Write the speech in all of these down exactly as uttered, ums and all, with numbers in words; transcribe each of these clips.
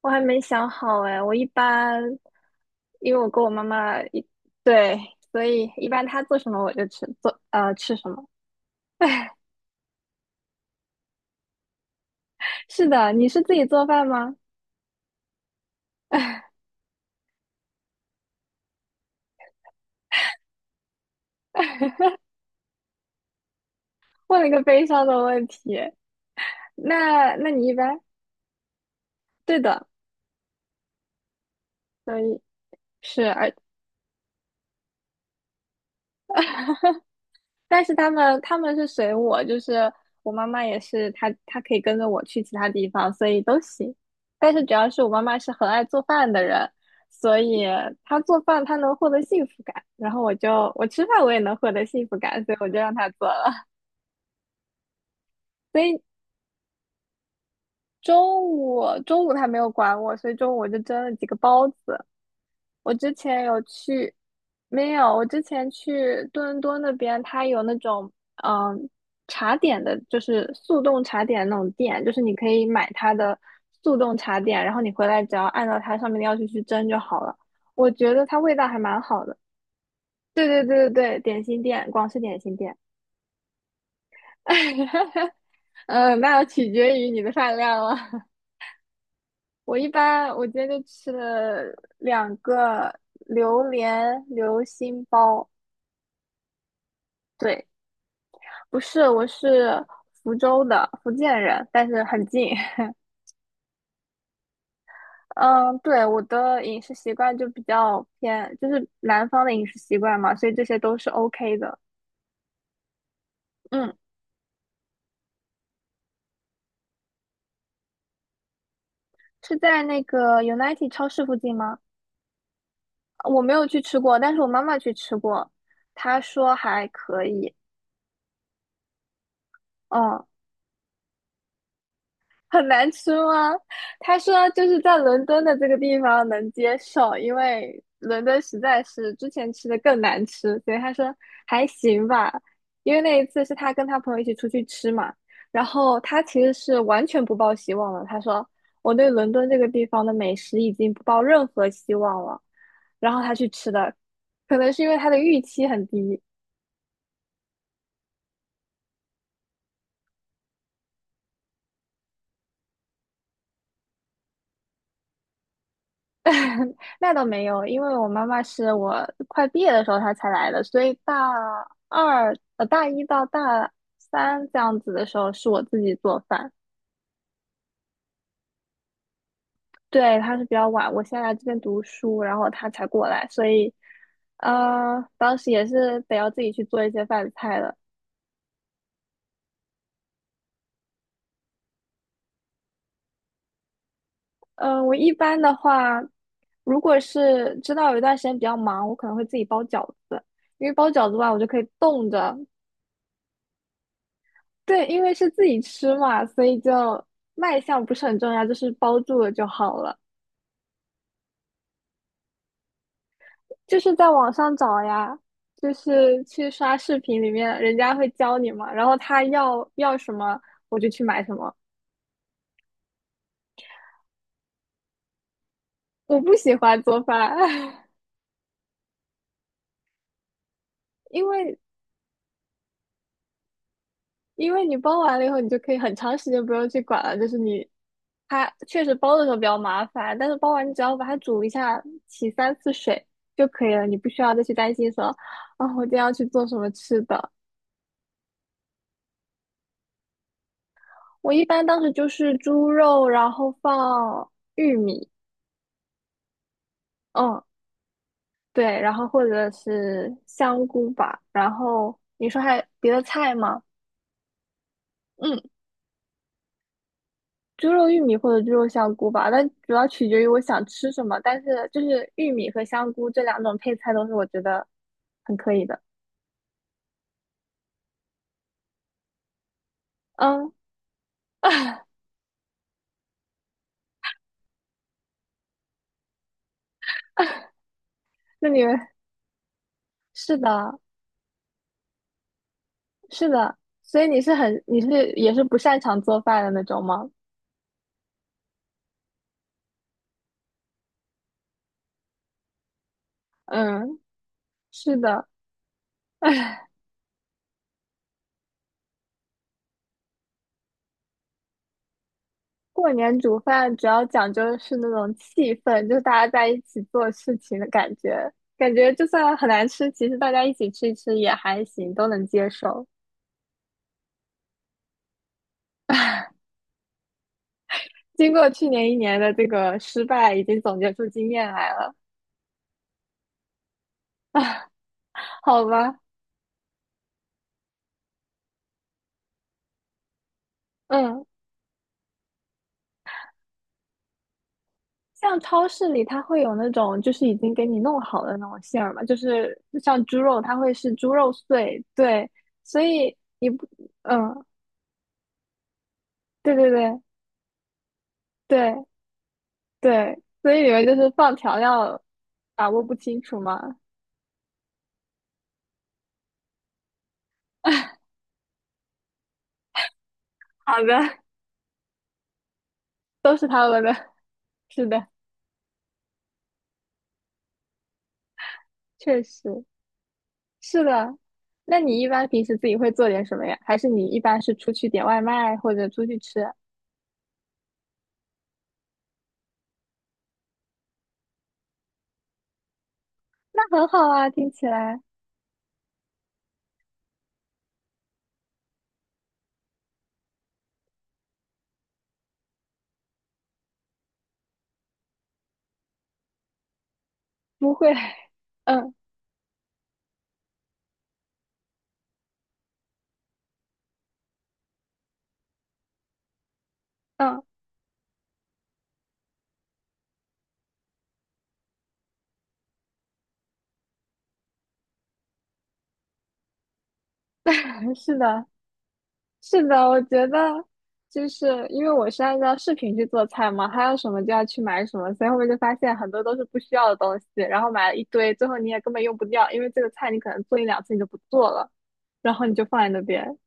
我还没想好哎，我一般因为我跟我妈妈一对，所以一般她做什么我就吃做呃吃什么。是的，你是自己做饭吗？问了一个悲伤的问题。那那你一般对的，所以是而但是他们他们是随我，就是我妈妈也是，她她可以跟着我去其他地方，所以都行。但是主要是我妈妈是很爱做饭的人，所以她做饭她能获得幸福感，然后我就我吃饭我也能获得幸福感，所以我就让她做了。所以中午中午她没有管我，所以中午我就蒸了几个包子，我之前有去，没有，我之前去多伦多那边，它有那种嗯茶点的，就是速冻茶点那种店，就是你可以买它的速冻茶点，然后你回来只要按照它上面的要求去蒸就好了。我觉得它味道还蛮好的。对对对对对，点心店，广式点心店。嗯，那要取决于你的饭量了。我一般我今天就吃了两个榴莲流心包。对，不是，我是福州的福建人，但是很近。嗯，对，我的饮食习惯就比较偏，就是南方的饮食习惯嘛，所以这些都是 OK 的。嗯，是在那个 United 超市附近吗？我没有去吃过，但是我妈妈去吃过，她说还可以。嗯，很难吃吗？他说就是在伦敦的这个地方能接受，因为伦敦实在是之前吃的更难吃，所以他说还行吧。因为那一次是他跟他朋友一起出去吃嘛，然后他其实是完全不抱希望了。他说我对伦敦这个地方的美食已经不抱任何希望了。然后他去吃的，可能是因为他的预期很低，那倒没有，因为我妈妈是我快毕业的时候她才来的，所以大二呃大一到大三这样子的时候是我自己做饭。对，她是比较晚，我先来这边读书，然后她才过来，所以呃当时也是得要自己去做一些饭菜的。嗯，我一般的话，如果是知道有一段时间比较忙，我可能会自己包饺子，因为包饺子的话，我就可以冻着对，因为是自己吃嘛，所以就卖相不是很重要，就是包住了就好了。就是在网上找呀，就是去刷视频里面，人家会教你嘛，然后他要要什么，我就去买什么。我不喜欢做饭，因为因为你包完了以后，你就可以很长时间不用去管了。就是你它确实包的时候比较麻烦，但是包完你只要把它煮一下，洗三次水就可以了，你不需要再去担心说啊，我今天要去做什么吃的。我一般当时就是猪肉，然后放玉米，嗯，对，然后或者是香菇吧。然后你说还有别的菜吗？嗯，猪肉玉米或者猪肉香菇吧，但主要取决于我想吃什么。但是就是玉米和香菇这两种配菜都是我觉得很可以的。嗯，那你们是的，是的，所以你是很你是也是不擅长做饭的那种吗？嗯，是的。过年煮饭主要讲究的是那种气氛，就是大家在一起做事情的感觉。感觉就算很难吃，其实大家一起吃一吃也还行，都能接受。经过去年一年的这个失败，已经总结出经验来了，好吧？嗯，像超市里它会有那种就是已经给你弄好的那种馅儿嘛，就是像猪肉，它会是猪肉碎，对，所以你不，嗯，对对对对。对，所以你们就是放调料把握不清楚嘛，好的，都是他们的。是的，确实是的。那你一般平时自己会做点什么呀？还是你一般是出去点外卖或者出去吃？那很好啊，听起来不会。嗯嗯，是的。是的，我觉得就是因为我是按照视频去做菜嘛，还有什么就要去买什么，所以后面就发现很多都是不需要的东西，然后买了一堆，最后你也根本用不掉，因为这个菜你可能做一两次你就不做了，然后你就放在那边。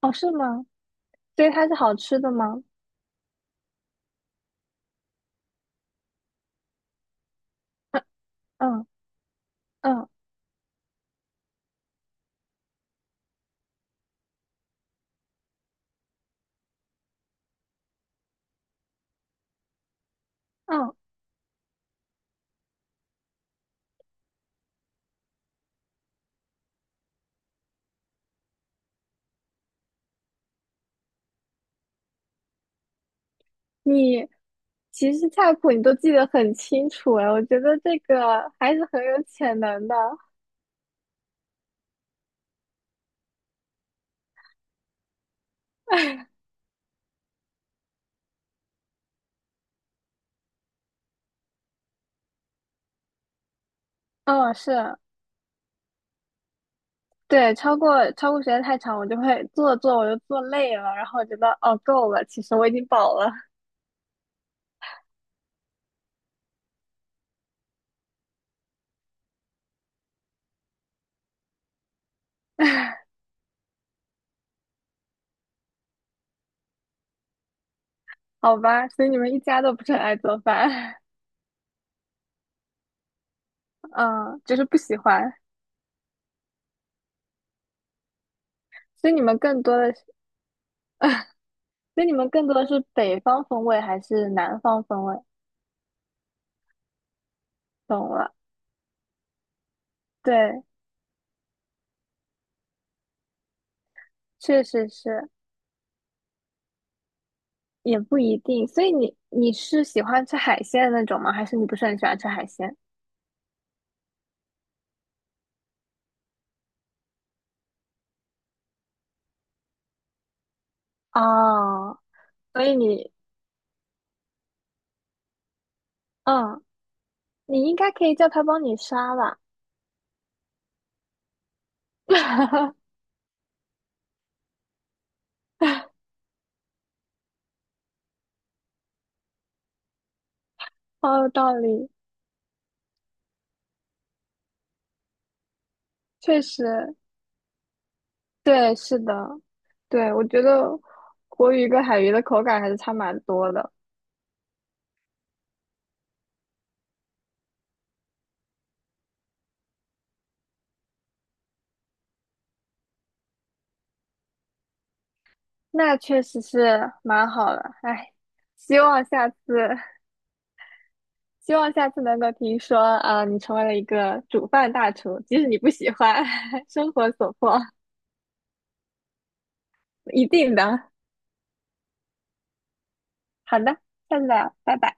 哦，是吗？所以它是好吃的吗？嗯嗯嗯，嗯你其实菜谱你都记得很清楚哎，我觉得这个还是很有潜能的。嗯，是。对，超过超过时间太长，我就会坐着做着我就坐累了，然后我觉得哦够了，其实我已经饱了，好吧。所以你们一家都不是很爱做饭，嗯，就是不喜欢。所以你们更多的是，所以你们更多的是北方风味还是南方风味？懂了，对，确实是，也不一定。所以你你是喜欢吃海鲜的那种吗？还是你不是很喜欢吃海鲜？哦，所以你，嗯，你应该可以叫他帮你杀吧，好有道理。确实，对，是的，对，我觉得活鱼跟海鱼的口感还是差蛮多的，那确实是蛮好的。哎，希望下次，希望下次能够听说，啊，你成为了一个煮饭大厨，即使你不喜欢，生活所迫，一定的。好的，下次聊，拜拜。